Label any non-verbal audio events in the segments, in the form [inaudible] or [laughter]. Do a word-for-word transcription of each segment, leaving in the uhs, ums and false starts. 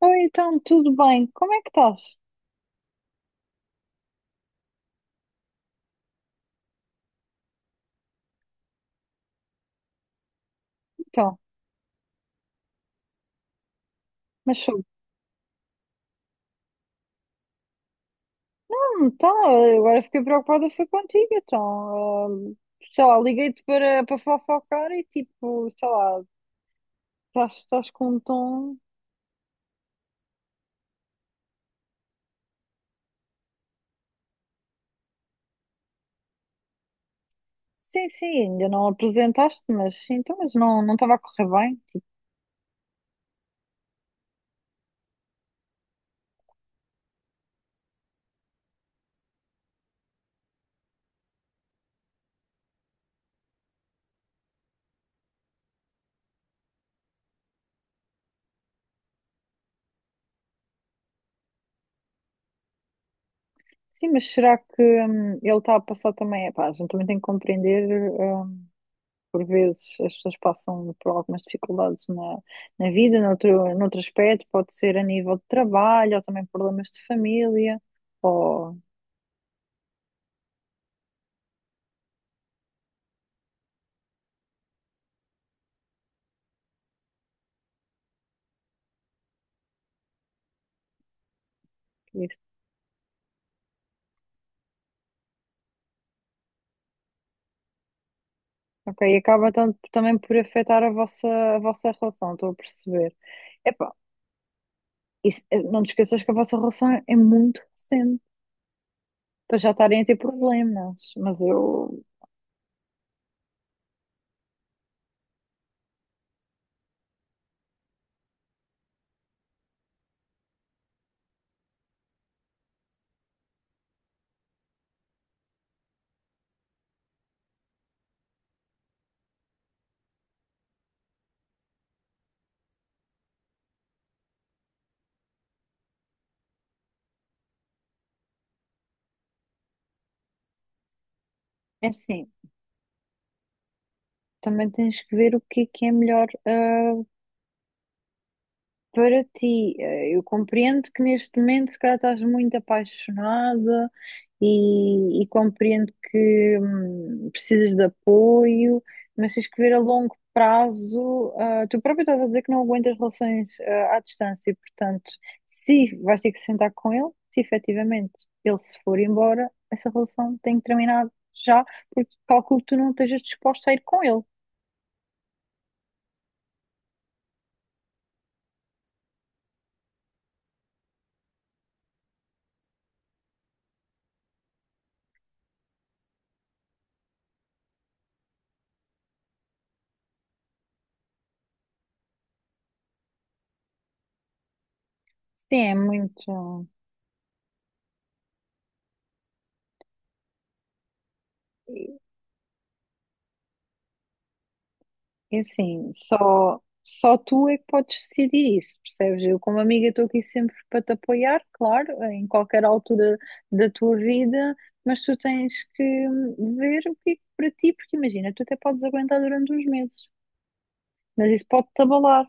Oi, então, tudo bem? Como é que estás? Então, mas sou. Hum, Então, eh, Agora fiquei preocupada, foi contigo, então. eh, Sei lá, liguei-te para, para fofocar e tipo, sei lá, estás, estás com um tom. Sim, sim, ainda não apresentaste, mas sim, então, mas não, não estava a correr bem. Tipo, sim, mas será que hum, ele está a passar também? Epá, a gente também tem que compreender. Hum, por vezes as pessoas passam por algumas dificuldades na, na vida, noutro, noutro aspecto, pode ser a nível de trabalho, ou também problemas de família, ou isso. Ok, e acaba tam- também por afetar a vossa, a vossa relação, estou a perceber. Epá, isso, eh, não te esqueças que a vossa relação é é muito recente, para já estarem a ter problemas, mas eu, é assim, também tens que ver o que é que é melhor eh, para ti, eh, eu compreendo que neste momento, se calhar, estás muito apaixonada e, e compreendo que hum, precisas de apoio, mas tens que ver a longo prazo. Ah, tu próprio estás a dizer que não aguentas relações ah, à distância, e, portanto, se vais ter que sentar com ele, se efetivamente ele se for embora, essa relação tem que terminar já, porque calculo que tu não estejas disposta a ir com ele. Sim, é muito. E assim, só, só tu é que podes decidir isso, percebes? Eu, como amiga, estou aqui sempre para te apoiar, claro, em qualquer altura da tua vida, mas tu tens que ver o que é que para ti, porque imagina, tu até podes aguentar durante uns meses, mas isso pode-te abalar.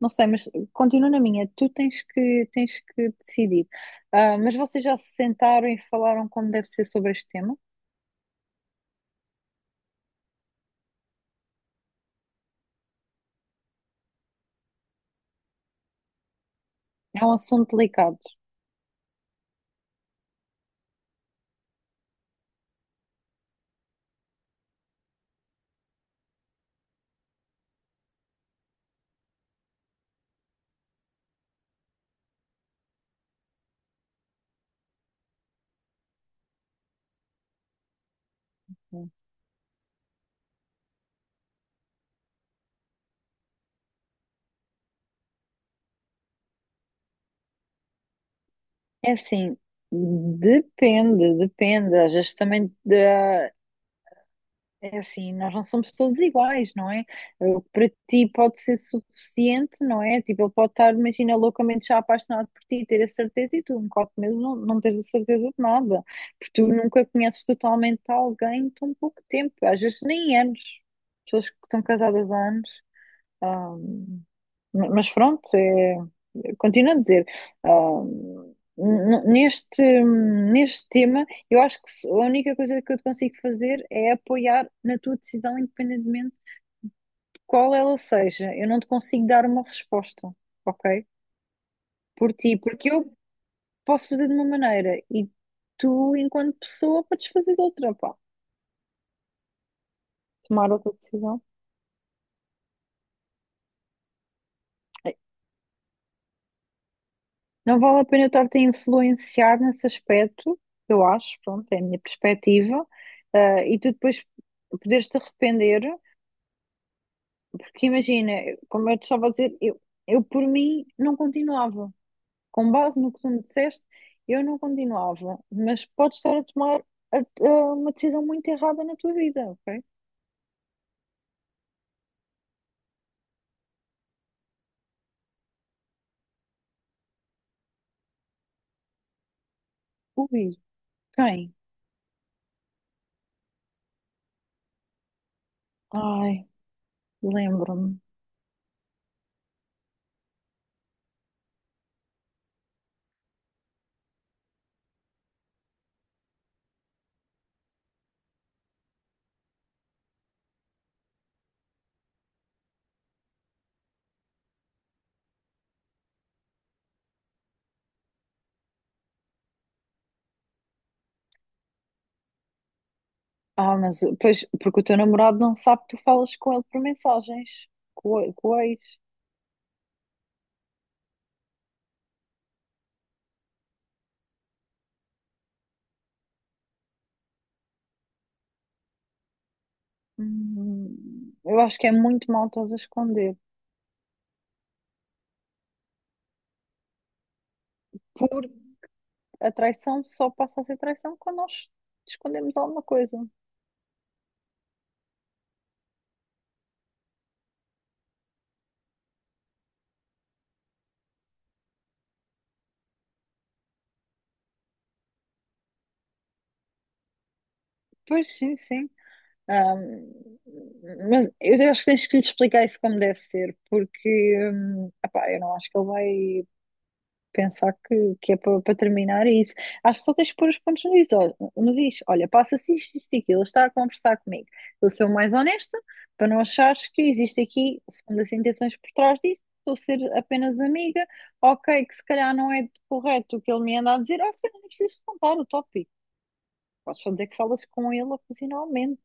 Não sei, mas continua na minha, tu tens que, tens que decidir. Ah, mas vocês já se sentaram e falaram como deve ser sobre este tema? É um assunto delicado. É assim, depende, depende. Às vezes também da- é assim, nós não somos todos iguais, não é? O que para ti pode ser suficiente, não é? Tipo, ele pode estar, imagina, loucamente já apaixonado por ti, ter a certeza e tu, um copo mesmo, não, não tens a certeza de nada. Porque tu nunca conheces totalmente alguém em tão pouco tempo, às vezes nem anos. Pessoas que estão casadas há anos. Ah, mas pronto, é, continuo a dizer, ah, n- neste, neste tema, eu acho que a única coisa que eu te consigo fazer é apoiar na tua decisão, independentemente de qual ela seja. Eu não te consigo dar uma resposta, ok? Por ti, porque eu posso fazer de uma maneira e tu, enquanto pessoa, podes fazer de outra, pá, tomar outra decisão. Não vale a pena eu estar-te a influenciar nesse aspecto, eu acho, pronto, é a minha perspectiva, ah, e tu depois poderes-te arrepender, porque imagina, eu- como eu te estava a dizer, eu, eu por mim não continuava. Com base no que tu me disseste, eu não continuava, mas podes estar a tomar a- a uma decisão muito errada na tua vida, ok? Ui, quem? Ai, lembro-me. Ah, mas pois, porque o teu namorado não sabe que tu falas com ele por mensagens, com o com o ex. Hum, Eu acho que é muito mal estás a esconder. Por a traição só passa a ser traição quando nós escondemos alguma coisa. Pois sim, sim. Hum, mas eu acho que tens que lhe explicar isso como deve ser, porque hum, epá, eu não acho que ele vai pensar que, que é para, para terminar é isso. Acho que só tens de pôr os pontos nos is. Olha, nos is. Olha, passa-se isto, isto e aquilo. Ele está a conversar comigo. Eu sou mais honesta para não achares que existe aqui segundas intenções por trás disso. Estou a ser apenas amiga. Ok, que se calhar não é correto o que ele me anda a dizer. Ou seja, não precisas contar o tópico. Podes só dizer que falas com ele ocasionalmente.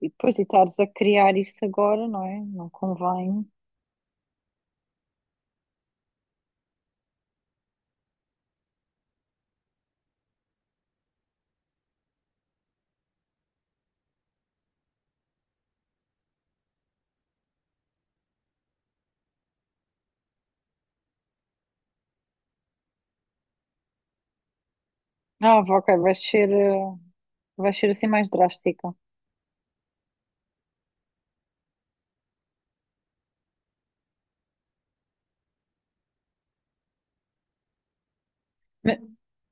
E depois de estares a criar isso agora, não é? Não convém. Ah, ok, vai ser, eh, vai ser assim mais drástica.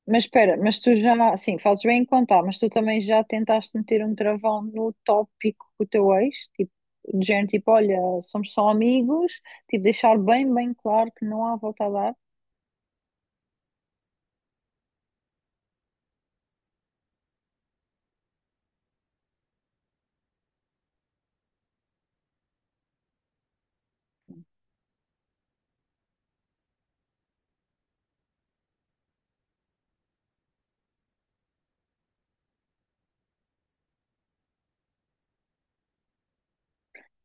Mas espera, mas tu já, sim, fazes bem em contar, mas tu também já tentaste meter um travão no tópico com o teu ex? Tipo, de género, tipo, olha, somos só amigos, tipo, deixar bem, bem claro que não há volta a dar,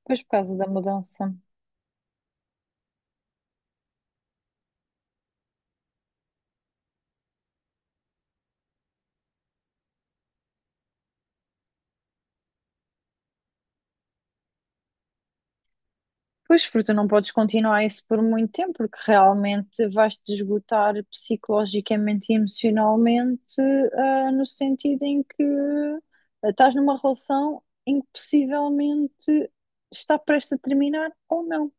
pois por causa da mudança. Pois, porque tu não podes continuar isso por muito tempo, porque realmente vais-te esgotar psicologicamente e emocionalmente, ah, no sentido em que ah, estás numa relação em que possivelmente está prestes a terminar ou não.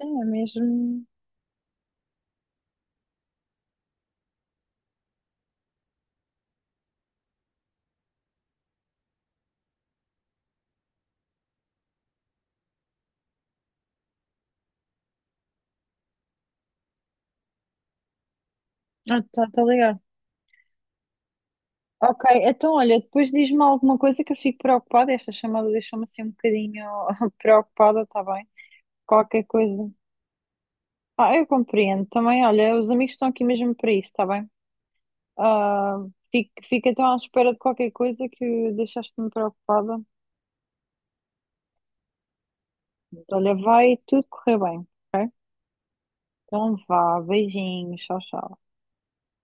É mesmo. Ah, tá, tá ligado. Ok, então olha, depois diz-me alguma coisa que eu fico preocupada. Esta chamada deixou-me assim um bocadinho [laughs] preocupada, tá bem? Qualquer coisa. Ah, eu compreendo também. Olha, os amigos estão aqui mesmo para isso, tá bem? Ah, fico, fico então à espera de qualquer coisa que deixaste-me preocupada. Olha, vai tudo correr bem, ok? Então vá, beijinhos, tchau, tchau.